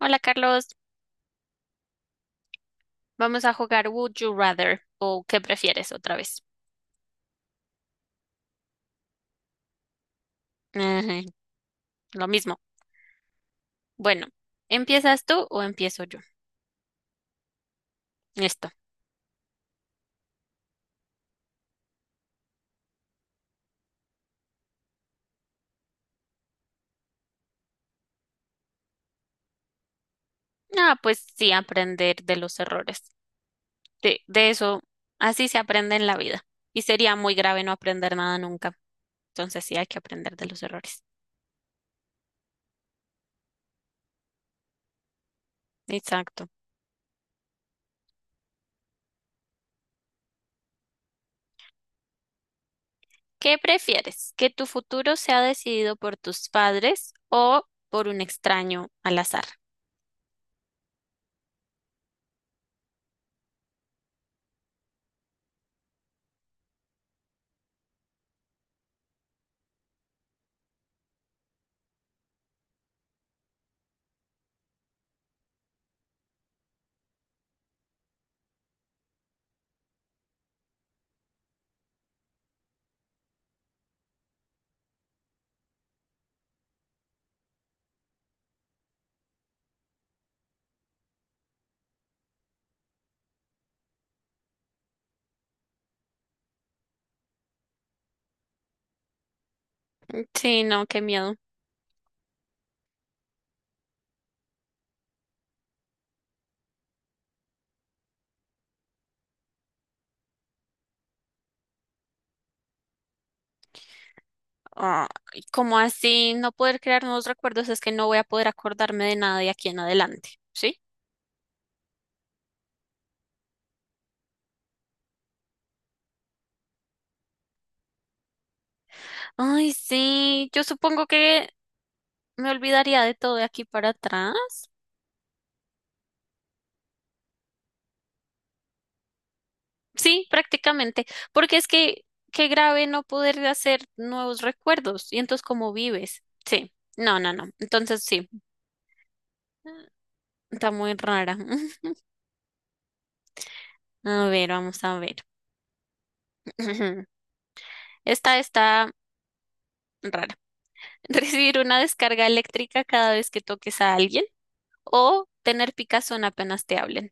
Hola Carlos, vamos a jugar Would You Rather o ¿qué prefieres otra vez? Ajá, lo mismo. Bueno, ¿empiezas tú o empiezo yo? Esto. Ah, pues sí, aprender de los errores. De eso, así se aprende en la vida. Y sería muy grave no aprender nada nunca. Entonces sí hay que aprender de los errores. Exacto. ¿Qué prefieres? ¿Que tu futuro sea decidido por tus padres o por un extraño al azar? Sí, no, qué miedo. Ay, como así no poder crear nuevos recuerdos? Es que no voy a poder acordarme de nada de aquí en adelante, ¿sí? Ay, sí, yo supongo que me olvidaría de todo de aquí para atrás. Sí, prácticamente, porque es que qué grave no poder hacer nuevos recuerdos y entonces cómo vives. Sí, no, no, no. Entonces sí, está muy rara. A ver, vamos a ver. Esta está rara. Recibir una descarga eléctrica cada vez que toques a alguien, o tener picazón apenas te hablen.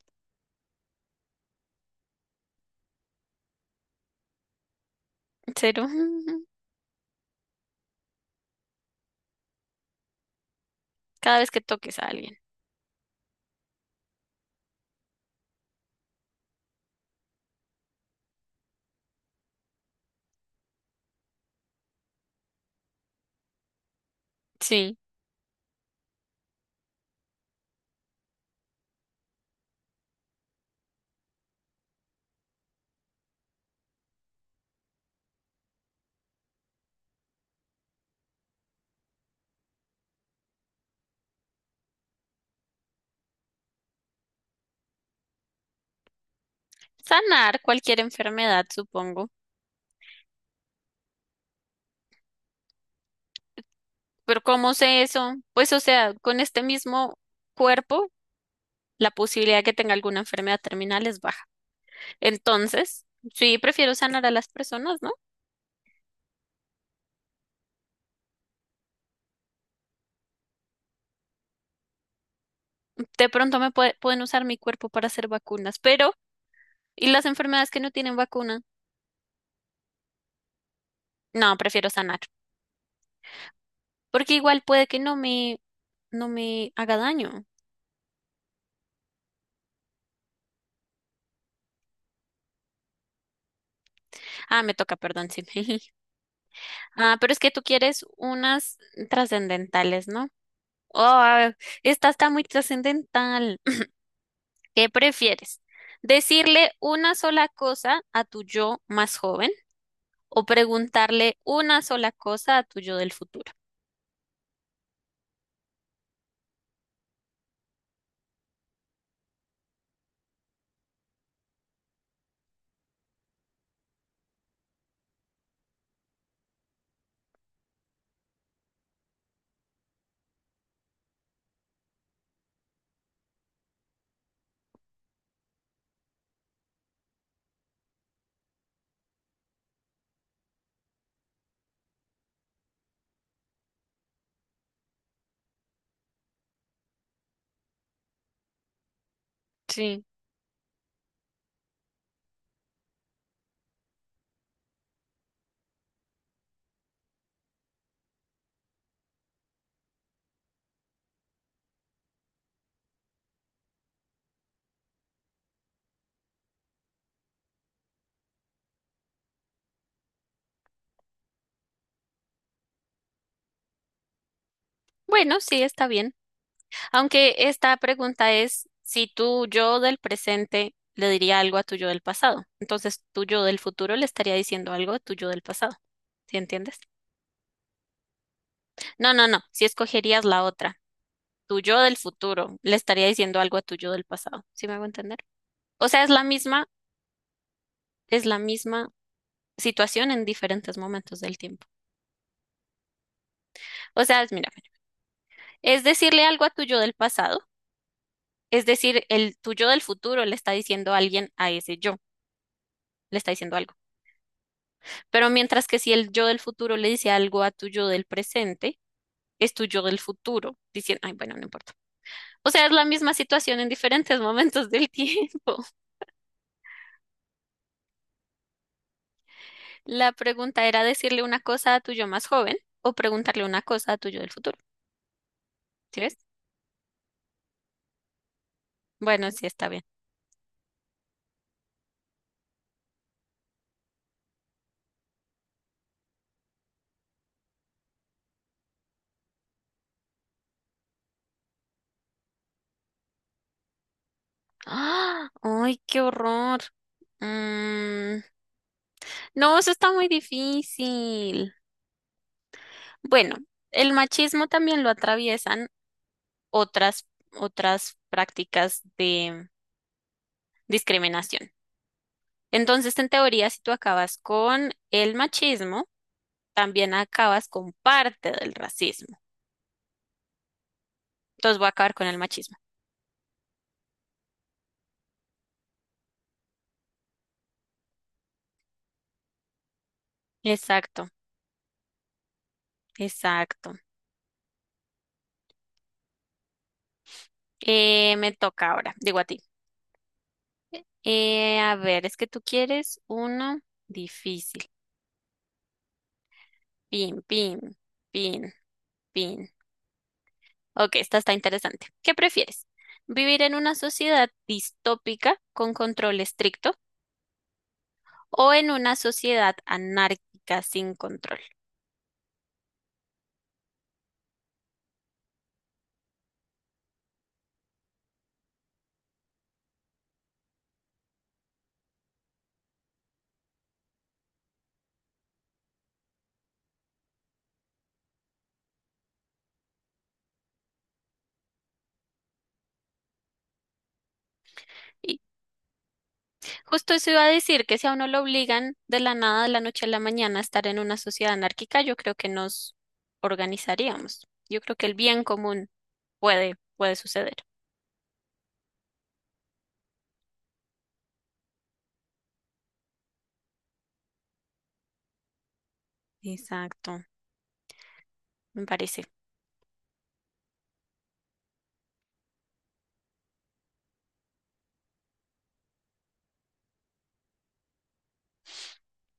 Cero. Cada vez que toques a alguien. Sí. Sanar cualquier enfermedad, supongo. Pero ¿cómo sé eso? Pues, o sea, con este mismo cuerpo, la posibilidad de que tenga alguna enfermedad terminal es baja. Entonces, sí, prefiero sanar a las personas, ¿no? De pronto pueden usar mi cuerpo para hacer vacunas, pero ¿y las enfermedades que no tienen vacuna? No, prefiero sanar, porque igual puede que no me haga daño. Ah, me toca, perdón, sí. Ah, pero es que tú quieres unas trascendentales, ¿no? Oh, esta está muy trascendental. ¿Qué prefieres? ¿Decirle una sola cosa a tu yo más joven o preguntarle una sola cosa a tu yo del futuro? Sí. Bueno, sí, está bien. Aunque esta pregunta es si tu yo del presente le diría algo a tu yo del pasado. Entonces, tu yo del futuro le estaría diciendo algo a tu yo del pasado. ¿Sí entiendes? No, no, no. Si escogerías la otra. Tu yo del futuro le estaría diciendo algo a tu yo del pasado, ¿sí me hago entender? O sea, es la misma situación en diferentes momentos del tiempo. O sea, mira, es decirle algo a tu yo del pasado, es decir, el tu yo del futuro le está diciendo a alguien a ese yo, le está diciendo algo. Pero mientras que si el yo del futuro le dice algo a tu yo del presente, es tu yo del futuro diciendo, ay, bueno, no importa. O sea, es la misma situación en diferentes momentos del tiempo. La pregunta era decirle una cosa a tu yo más joven o preguntarle una cosa a tu yo del futuro. ¿Sí ves? Bueno, sí está bien. ¡Ah! ¡Ay, qué horror! Mm, no, eso está muy difícil. Bueno, el machismo también lo atraviesan otras, otras prácticas de discriminación. Entonces, en teoría, si tú acabas con el machismo, también acabas con parte del racismo. Entonces, voy a acabar con el machismo. Exacto, exacto. Me toca ahora, digo a ti. A ver, es que tú quieres uno difícil. Pin, pin, pin, pin. Ok, esta está interesante. ¿Qué prefieres? ¿Vivir en una sociedad distópica con control estricto o en una sociedad anárquica sin control? Y justo eso iba a decir que si a uno lo obligan de la nada, de la noche a la mañana, a estar en una sociedad anárquica, yo creo que nos organizaríamos. Yo creo que el bien común puede suceder. Exacto, me parece.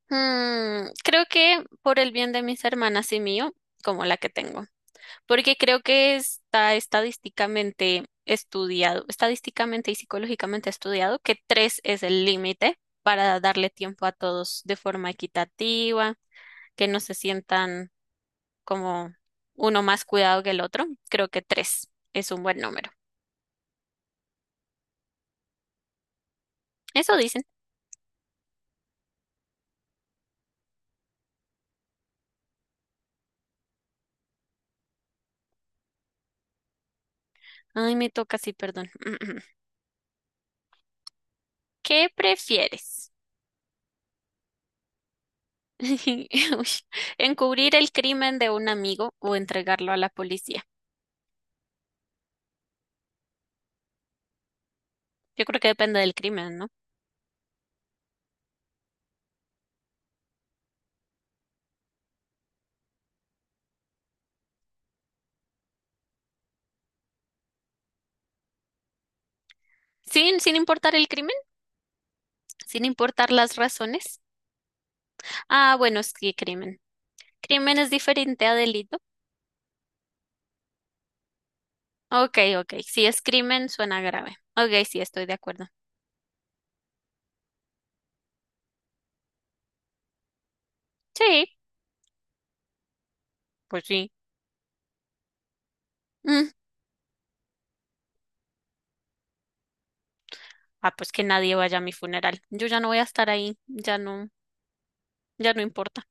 Creo que por el bien de mis hermanas y mío, como la que tengo, porque creo que está estadísticamente estudiado, estadísticamente y psicológicamente estudiado que tres es el límite para darle tiempo a todos de forma equitativa, que no se sientan como uno más cuidado que el otro. Creo que tres es un buen número. Eso dicen. Ay, me toca, sí, perdón. ¿Qué prefieres? Uy, encubrir el crimen de un amigo o entregarlo a la policía. Yo creo que depende del crimen, ¿no? Sin importar el crimen, sin importar las razones. Ah, bueno, sí, crimen. Crimen es diferente a delito. Ok, ok. Si es crimen, suena grave. Ok, sí, estoy de acuerdo. Sí, pues sí. Mm. Ah, pues que nadie vaya a mi funeral. Yo ya no voy a estar ahí. Ya no, ya no importa.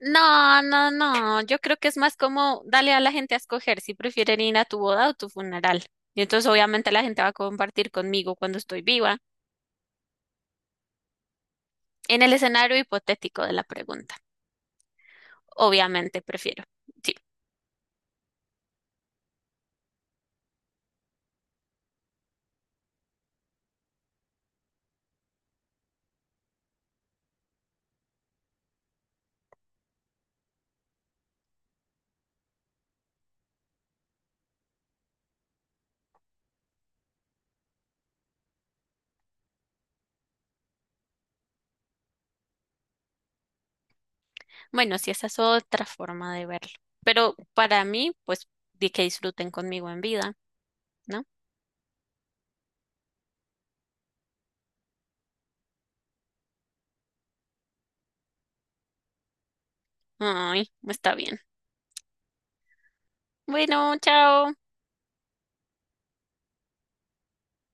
No, no, no. Yo creo que es más como dale a la gente a escoger si prefieren ir a tu boda o tu funeral. Y entonces obviamente la gente va a compartir conmigo cuando estoy viva, en el escenario hipotético de la pregunta. Obviamente prefiero. Sí. Bueno, sí, esa es otra forma de verlo. Pero para mí, pues, di que disfruten conmigo en vida, ¿no? Ay, está bien. Bueno, chao.